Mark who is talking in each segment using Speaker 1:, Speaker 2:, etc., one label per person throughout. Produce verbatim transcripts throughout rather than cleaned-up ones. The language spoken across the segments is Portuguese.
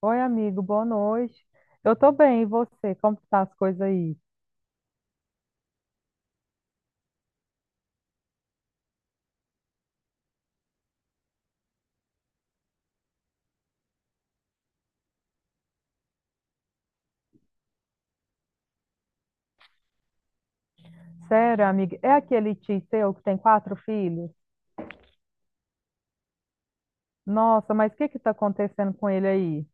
Speaker 1: Oi, amigo, boa noite. Eu tô bem, e você? Como que tá as coisas aí? Sério, amiga, é aquele tio seu que tem quatro filhos? Nossa, mas o que que tá acontecendo com ele aí?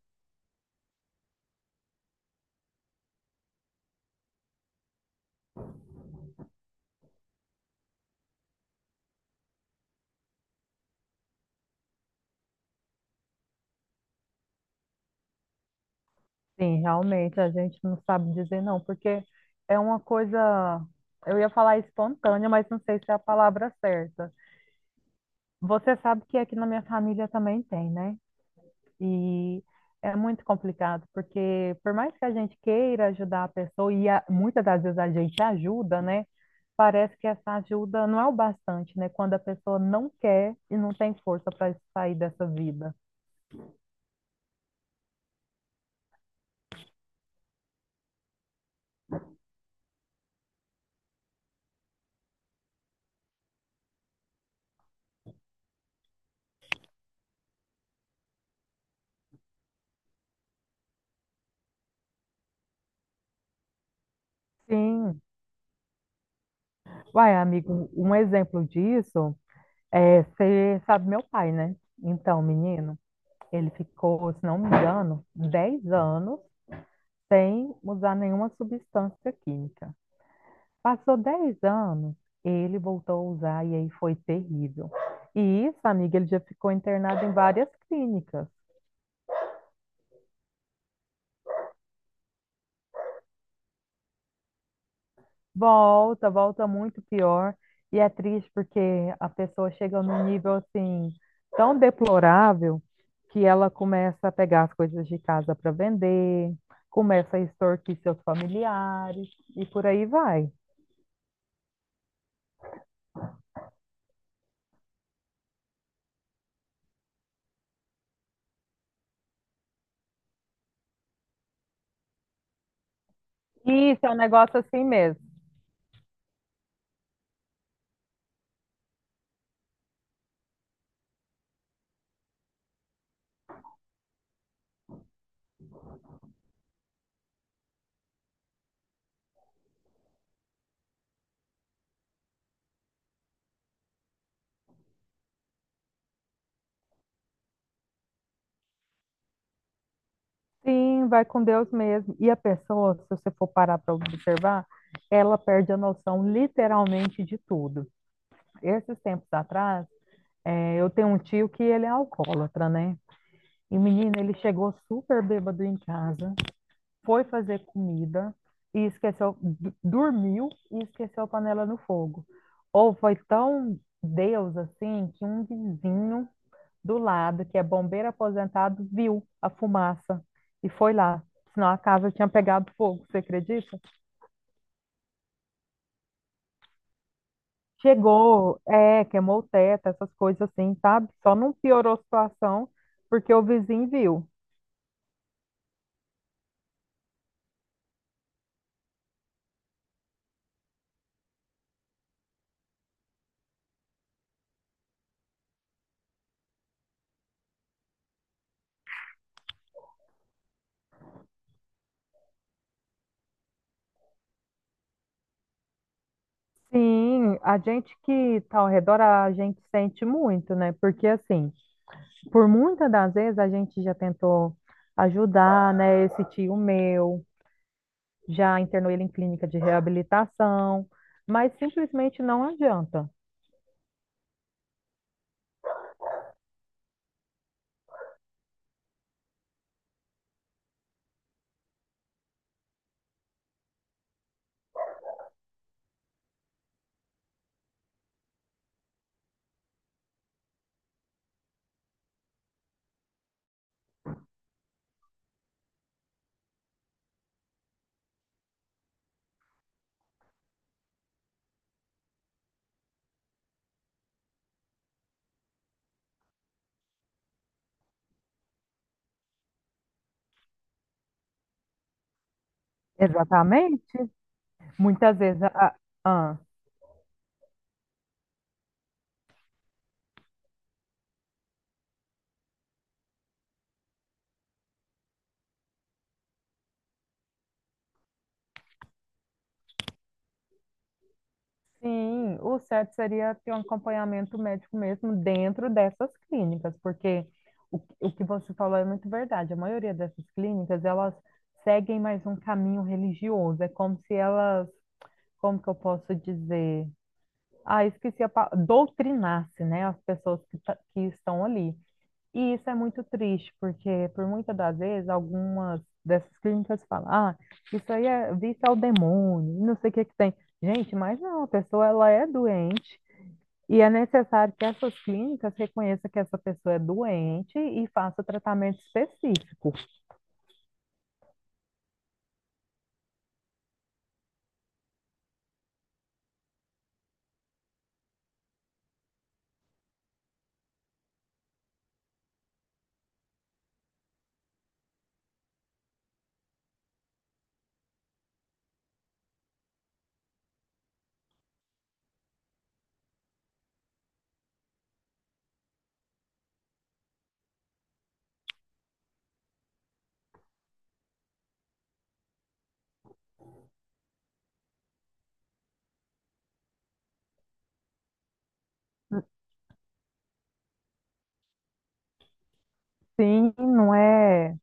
Speaker 1: Sim, realmente, a gente não sabe dizer não, porque é uma coisa, eu ia falar espontânea, mas não sei se é a palavra certa. Você sabe que aqui na minha família também tem, né? E é muito complicado, porque por mais que a gente queira ajudar a pessoa, e a- muitas das vezes a gente ajuda, né? Parece que essa ajuda não é o bastante, né? Quando a pessoa não quer e não tem força para sair dessa vida. Sim. Uai, amigo, um exemplo disso é, você sabe, meu pai, né? Então, menino, ele ficou, se não me engano, dez anos sem usar nenhuma substância química. Passou dez anos, ele voltou a usar e aí foi terrível. E isso, amiga, ele já ficou internado em várias clínicas. Volta, volta muito pior. E é triste porque a pessoa chega num nível assim tão deplorável que ela começa a pegar as coisas de casa para vender, começa a extorquir seus familiares e por aí vai. Isso é um negócio assim mesmo. Sim, vai com Deus mesmo. E a pessoa, se você for parar para observar, ela perde a noção literalmente de tudo. Esses tempos atrás, eh, eu tenho um tio que ele é alcoólatra, né? E o menino, ele chegou super bêbado em casa, foi fazer comida e esqueceu, d- dormiu e esqueceu a panela no fogo. Ou foi tão Deus assim que um vizinho do lado, que é bombeiro aposentado, viu a fumaça e foi lá. Senão a casa tinha pegado fogo, você acredita? Chegou, é, queimou o teto, essas coisas assim, sabe? Só não piorou a situação porque o vizinho viu. Sim, a gente que está ao redor, a gente sente muito, né? Porque, assim, por muitas das vezes a gente já tentou ajudar, né? Esse tio meu, já internou ele em clínica de reabilitação, mas simplesmente não adianta. Exatamente. Muitas vezes. a, ah, Sim, o certo seria ter um acompanhamento médico mesmo dentro dessas clínicas, porque o, o que você falou é muito verdade. A maioria dessas clínicas, elas seguem mais um caminho religioso. É como se elas, como que eu posso dizer? Ah, esqueci a palavra, doutrinasse, né, as pessoas que, ta- que estão ali. E isso é muito triste, porque por muitas das vezes algumas dessas clínicas falam, ah, isso aí é vício ao demônio, não sei o que que tem. Gente, mas não, a pessoa ela é doente e é necessário que essas clínicas reconheçam que essa pessoa é doente e faça tratamento específico. Sim, não é,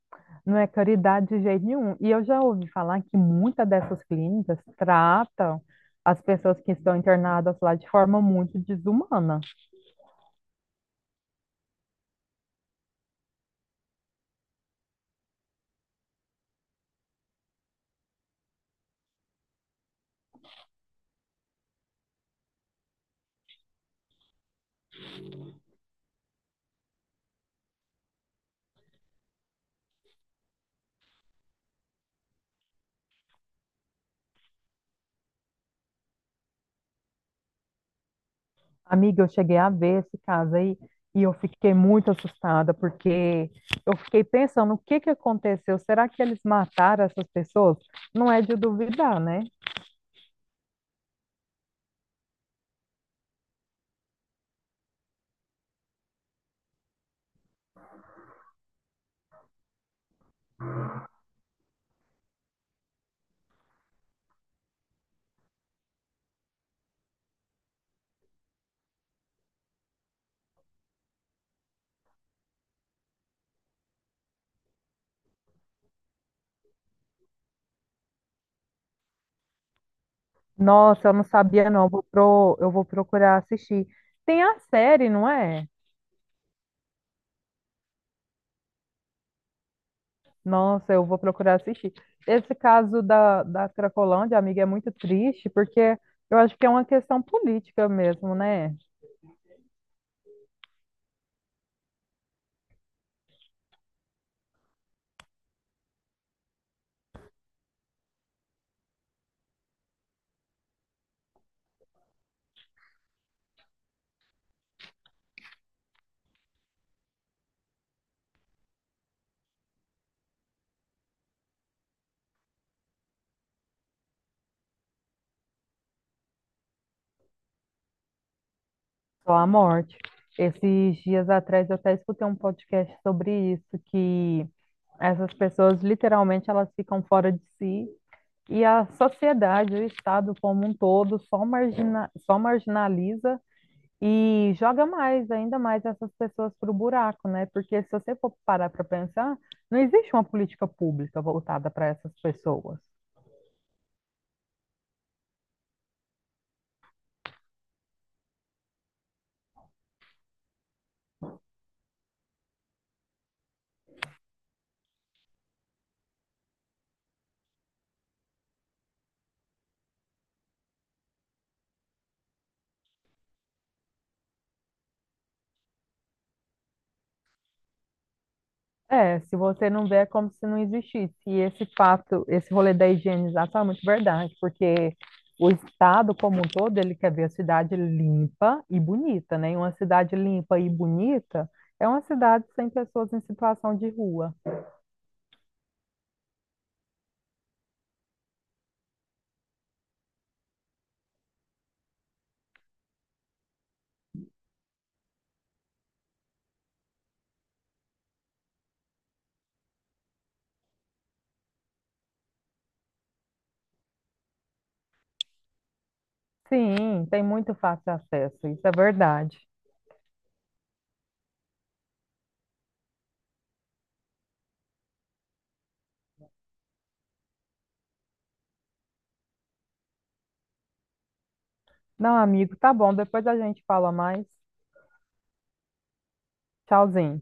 Speaker 1: não é caridade de jeito nenhum. E eu já ouvi falar que muitas dessas clínicas tratam as pessoas que estão internadas lá de forma muito desumana. Amiga, eu cheguei a ver esse caso aí e eu fiquei muito assustada porque eu fiquei pensando o que que aconteceu? Será que eles mataram essas pessoas? Não é de duvidar, né? Nossa, eu não sabia não. Eu vou, pro- eu vou procurar assistir. Tem a série, não é? Nossa, eu vou procurar assistir. Esse caso da, da Cracolândia, amiga, é muito triste porque eu acho que é uma questão política mesmo, né? Só a morte. Esses dias atrás eu até escutei um podcast sobre isso, que essas pessoas literalmente elas ficam fora de si e a sociedade, o Estado como um todo, só margina, só marginaliza e joga mais, ainda mais essas pessoas para o buraco, né? Porque se você for parar para pensar, não existe uma política pública voltada para essas pessoas. É, se você não vê, é como se não existisse. E esse fato, esse rolê da higienização é muito verdade, porque o estado como um todo, ele quer ver a cidade limpa e bonita, né? E uma cidade limpa e bonita é uma cidade sem pessoas em situação de rua. Sim, tem muito fácil acesso, isso é verdade. Não, amigo, tá bom, depois a gente fala mais. Tchauzinho.